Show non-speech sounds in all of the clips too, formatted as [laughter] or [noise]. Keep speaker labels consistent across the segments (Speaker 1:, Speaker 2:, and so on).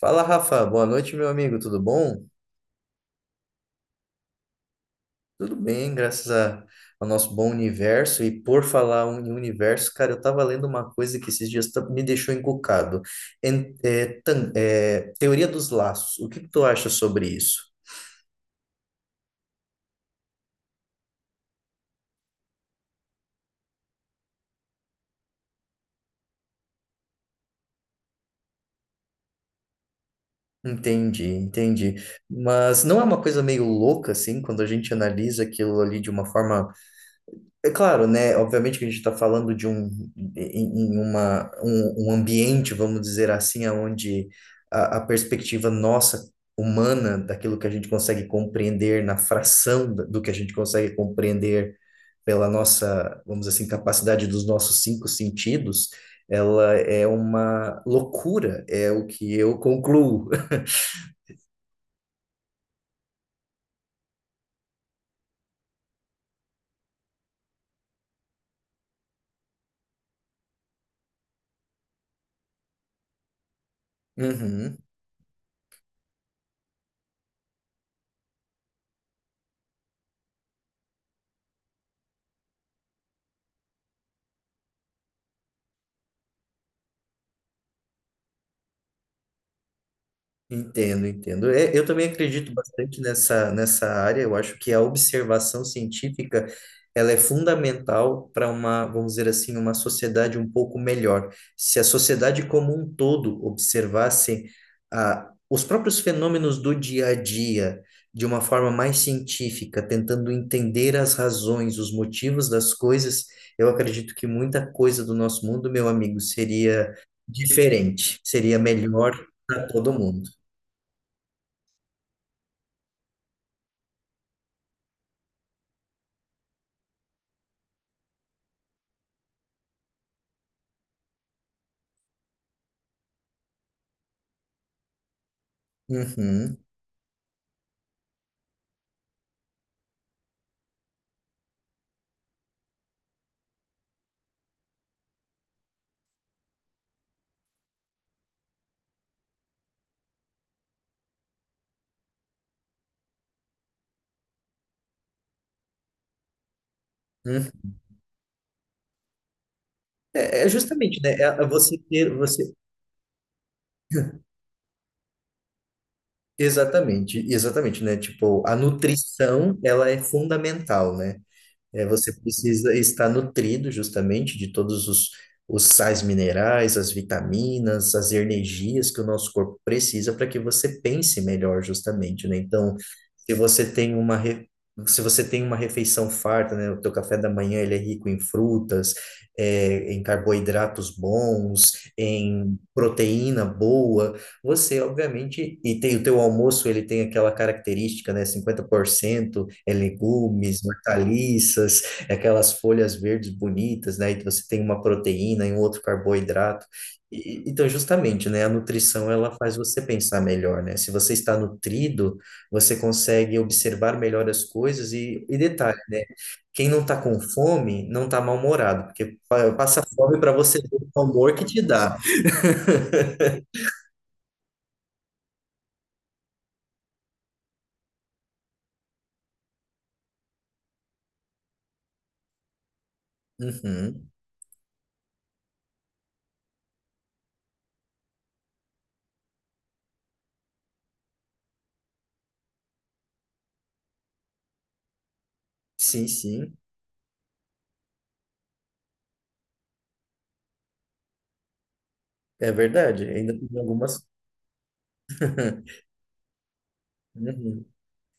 Speaker 1: Fala, Rafa. Boa noite, meu amigo. Tudo bom? Tudo bem, ao nosso bom universo. E por falar em universo, cara, eu tava lendo uma coisa que esses dias me deixou encucado. Teoria dos laços. O que que tu acha sobre isso? Entendi, entendi. Mas não é uma coisa meio louca, assim, quando a gente analisa aquilo ali de uma forma. É claro, né? Obviamente que a gente está falando de um, em em uma, um ambiente, vamos dizer assim, onde a perspectiva nossa, humana, daquilo que a gente consegue compreender na do que a gente consegue compreender pela nossa, vamos dizer assim, capacidade dos nossos cinco sentidos, ela é uma loucura, é o que eu concluo. [laughs] Uhum. Entendo, entendo. É, eu também acredito bastante nessa área. Eu acho que a observação científica ela é fundamental para uma, vamos dizer assim, uma sociedade um pouco melhor. Se a sociedade como um todo observasse os próprios fenômenos do dia a dia de uma forma mais científica, tentando entender as razões, os motivos das coisas, eu acredito que muita coisa do nosso mundo, meu amigo, seria diferente, seria melhor para todo mundo. Uhum, uhum. É, é justamente, né? É você ter, você... Exatamente, exatamente, né? Tipo, a nutrição, ela é fundamental, né? É, você precisa estar nutrido justamente de todos os sais minerais, as vitaminas, as energias que o nosso corpo precisa para que você pense melhor justamente, né? Então, se você tem uma re- se você tem uma refeição farta, né? O teu café da manhã ele é rico em frutas, é, em carboidratos bons, em proteína boa. Você, obviamente, e tem o teu almoço, ele tem aquela característica, né? 50% é legumes, hortaliças, é aquelas folhas verdes bonitas, né? E você tem uma proteína e um outro carboidrato. Então, justamente, né? A nutrição, ela faz você pensar melhor, né? Se você está nutrido, você consegue observar melhor as coisas e detalhe, né? Quem não está com fome, não está mal-humorado, porque passa fome para você ver o amor que te dá. Uhum. Sim, sim. É verdade, ainda tem algumas. [laughs] Uhum.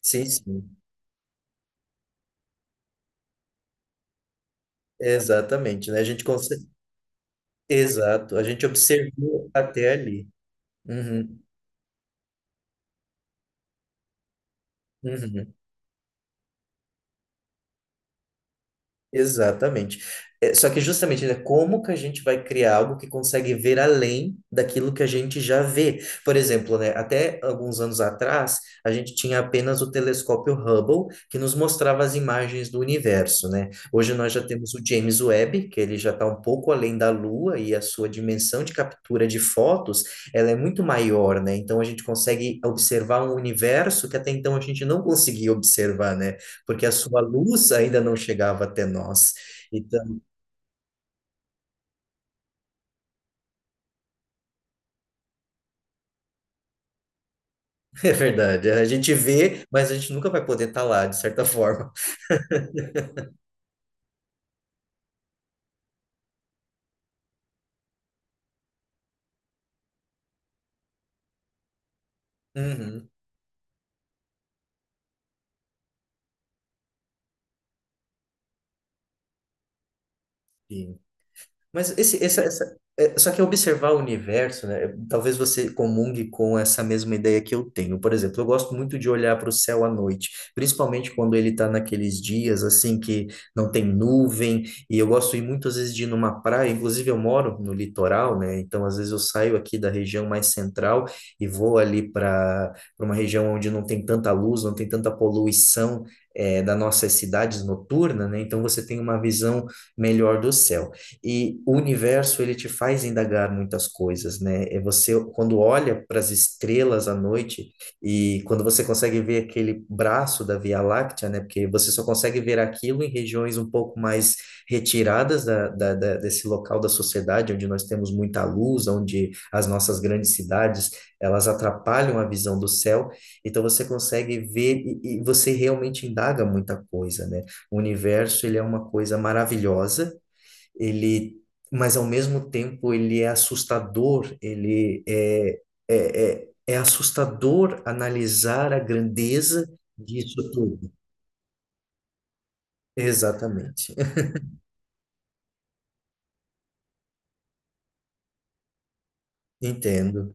Speaker 1: Sim, sim. Exatamente, né? A gente consegue. Exato, a gente observou até ali. Uhum. Uhum. Exatamente. É, só que justamente, né, como que a gente vai criar algo que consegue ver além daquilo que a gente já vê? Por exemplo, né, até alguns anos atrás, a gente tinha apenas o telescópio Hubble, que nos mostrava as imagens do universo, né? Hoje nós já temos o James Webb, que ele já está um pouco além da Lua e a sua dimensão de captura de fotos, ela é muito maior, né? Então a gente consegue observar um universo que até então a gente não conseguia observar, né? Porque a sua luz ainda não chegava até nós. Então, [laughs] é verdade, a gente vê, mas a gente nunca vai poder estar lá, de certa forma. Uhum, sim. Mas essa, é, só que observar o universo, né? Talvez você comungue com essa mesma ideia que eu tenho. Por exemplo, eu gosto muito de olhar para o céu à noite, principalmente quando ele está naqueles dias assim que não tem nuvem. E eu gosto de ir muitas vezes de ir numa praia. Inclusive, eu moro no litoral, né? Então, às vezes eu saio aqui da região mais central e vou ali para uma região onde não tem tanta luz, não tem tanta poluição. É, das nossas cidades noturnas, né? Então você tem uma visão melhor do céu. E o universo, ele te faz indagar muitas coisas, né? E você, quando olha para as estrelas à noite e quando você consegue ver aquele braço da Via Láctea, né? Porque você só consegue ver aquilo em regiões um pouco mais retiradas desse local da sociedade, onde nós temos muita luz, onde as nossas grandes cidades, elas atrapalham a visão do céu. Então, você consegue ver e você realmente indaga muita coisa, né? O universo, ele é uma coisa maravilhosa ele, mas ao mesmo tempo ele é assustador, ele é, é, é, é assustador analisar a grandeza disso tudo. Exatamente. [laughs] Entendo.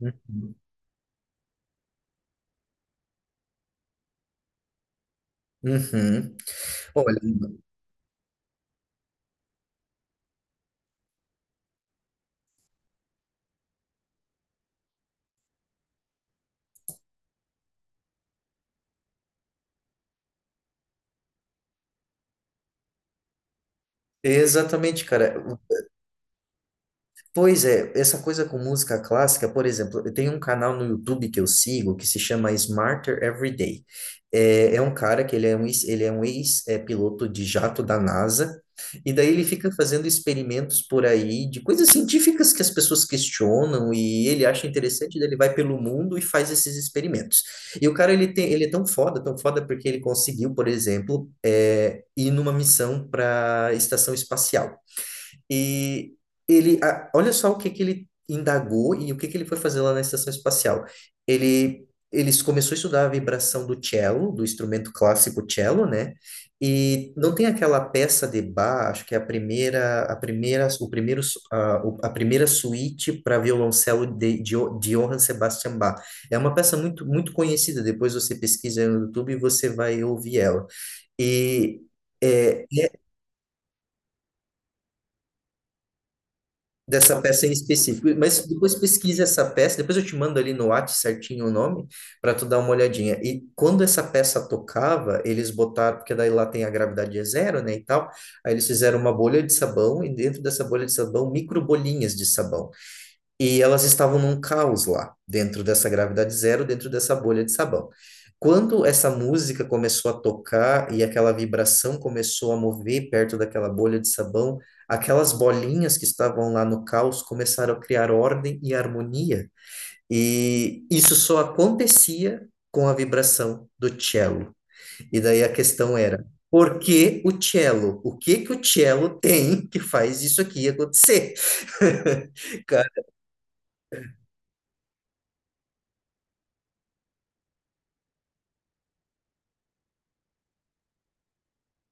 Speaker 1: Uhum. Uhum. Olha, exatamente, cara. Pois é, essa coisa com música clássica, por exemplo, eu tenho um canal no YouTube que eu sigo que se chama Smarter Every Day. É, é um cara que ele é um ex-piloto de jato da NASA, e daí ele fica fazendo experimentos por aí de coisas científicas que as pessoas questionam e ele acha interessante, daí ele vai pelo mundo e faz esses experimentos. E o cara, ele tem, ele é tão foda porque ele conseguiu, por exemplo, é, ir numa missão para a estação espacial. E ele, olha só o que que ele indagou e o que que ele foi fazer lá na estação espacial. Ele, eles começou a estudar a vibração do cello, do instrumento clássico cello, né? E não tem aquela peça de Bach, acho que é a primeira, o primeiro, su- a, o- a primeira suíte para violoncelo de Johann Sebastian Bach. É uma peça muito, muito conhecida. Depois você pesquisa no YouTube e você vai ouvir ela. E é, dessa peça em específico. Mas depois pesquisa essa peça, depois eu te mando ali no WhatsApp certinho o nome, para tu dar uma olhadinha. E quando essa peça tocava, eles botaram, porque daí lá tem a gravidade é zero, né, e tal, aí eles fizeram uma bolha de sabão, e dentro dessa bolha de sabão, microbolinhas de sabão. E elas estavam num caos lá, dentro dessa gravidade zero, dentro dessa bolha de sabão. Quando essa música começou a tocar e aquela vibração começou a mover perto daquela bolha de sabão, aquelas bolinhas que estavam lá no caos começaram a criar ordem e harmonia. E isso só acontecia com a vibração do cello. E daí a questão era, por que o cello? O que que o cello tem que faz isso aqui acontecer? [laughs] Cara,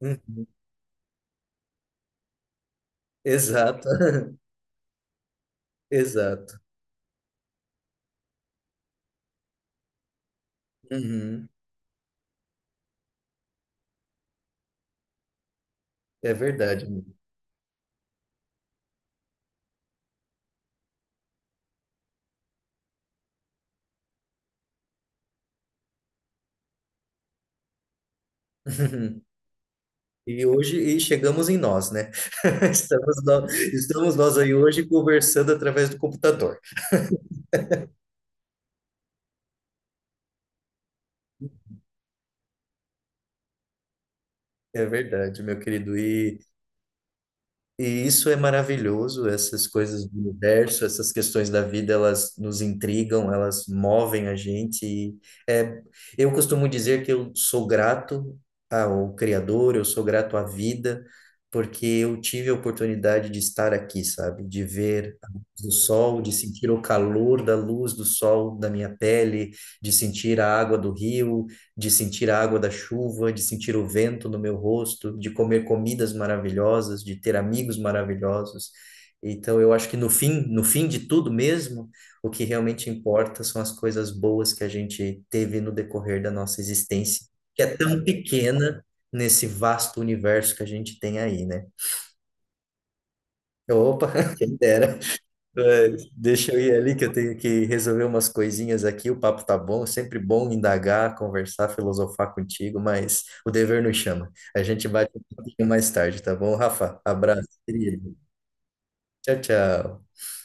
Speaker 1: uhum. Exato, [laughs] exato. Uhum. É verdade, amigo. [laughs] E hoje chegamos em nós, né? [laughs] Estamos nós aí hoje conversando através do computador. É verdade, meu querido. E isso é maravilhoso, essas coisas do universo, essas questões da vida, elas nos intrigam, elas movem a gente. E é, eu costumo dizer que eu sou grato ao Criador, eu sou grato à vida, porque eu tive a oportunidade de estar aqui, sabe? De ver a luz do sol, de sentir o calor da luz do sol da minha pele, de sentir a água do rio, de sentir a água da chuva, de sentir o vento no meu rosto, de comer comidas maravilhosas, de ter amigos maravilhosos. Então, eu acho que no fim de tudo mesmo, o que realmente importa são as coisas boas que a gente teve no decorrer da nossa existência, que é tão pequena nesse vasto universo que a gente tem aí, né? Opa, [laughs] quem dera. É, deixa eu ir ali que eu tenho que resolver umas coisinhas aqui. O papo tá bom, sempre bom indagar, conversar, filosofar contigo, mas o dever nos chama. A gente bate um pouquinho mais tarde, tá bom, Rafa? Abraço, querido. Tchau, tchau.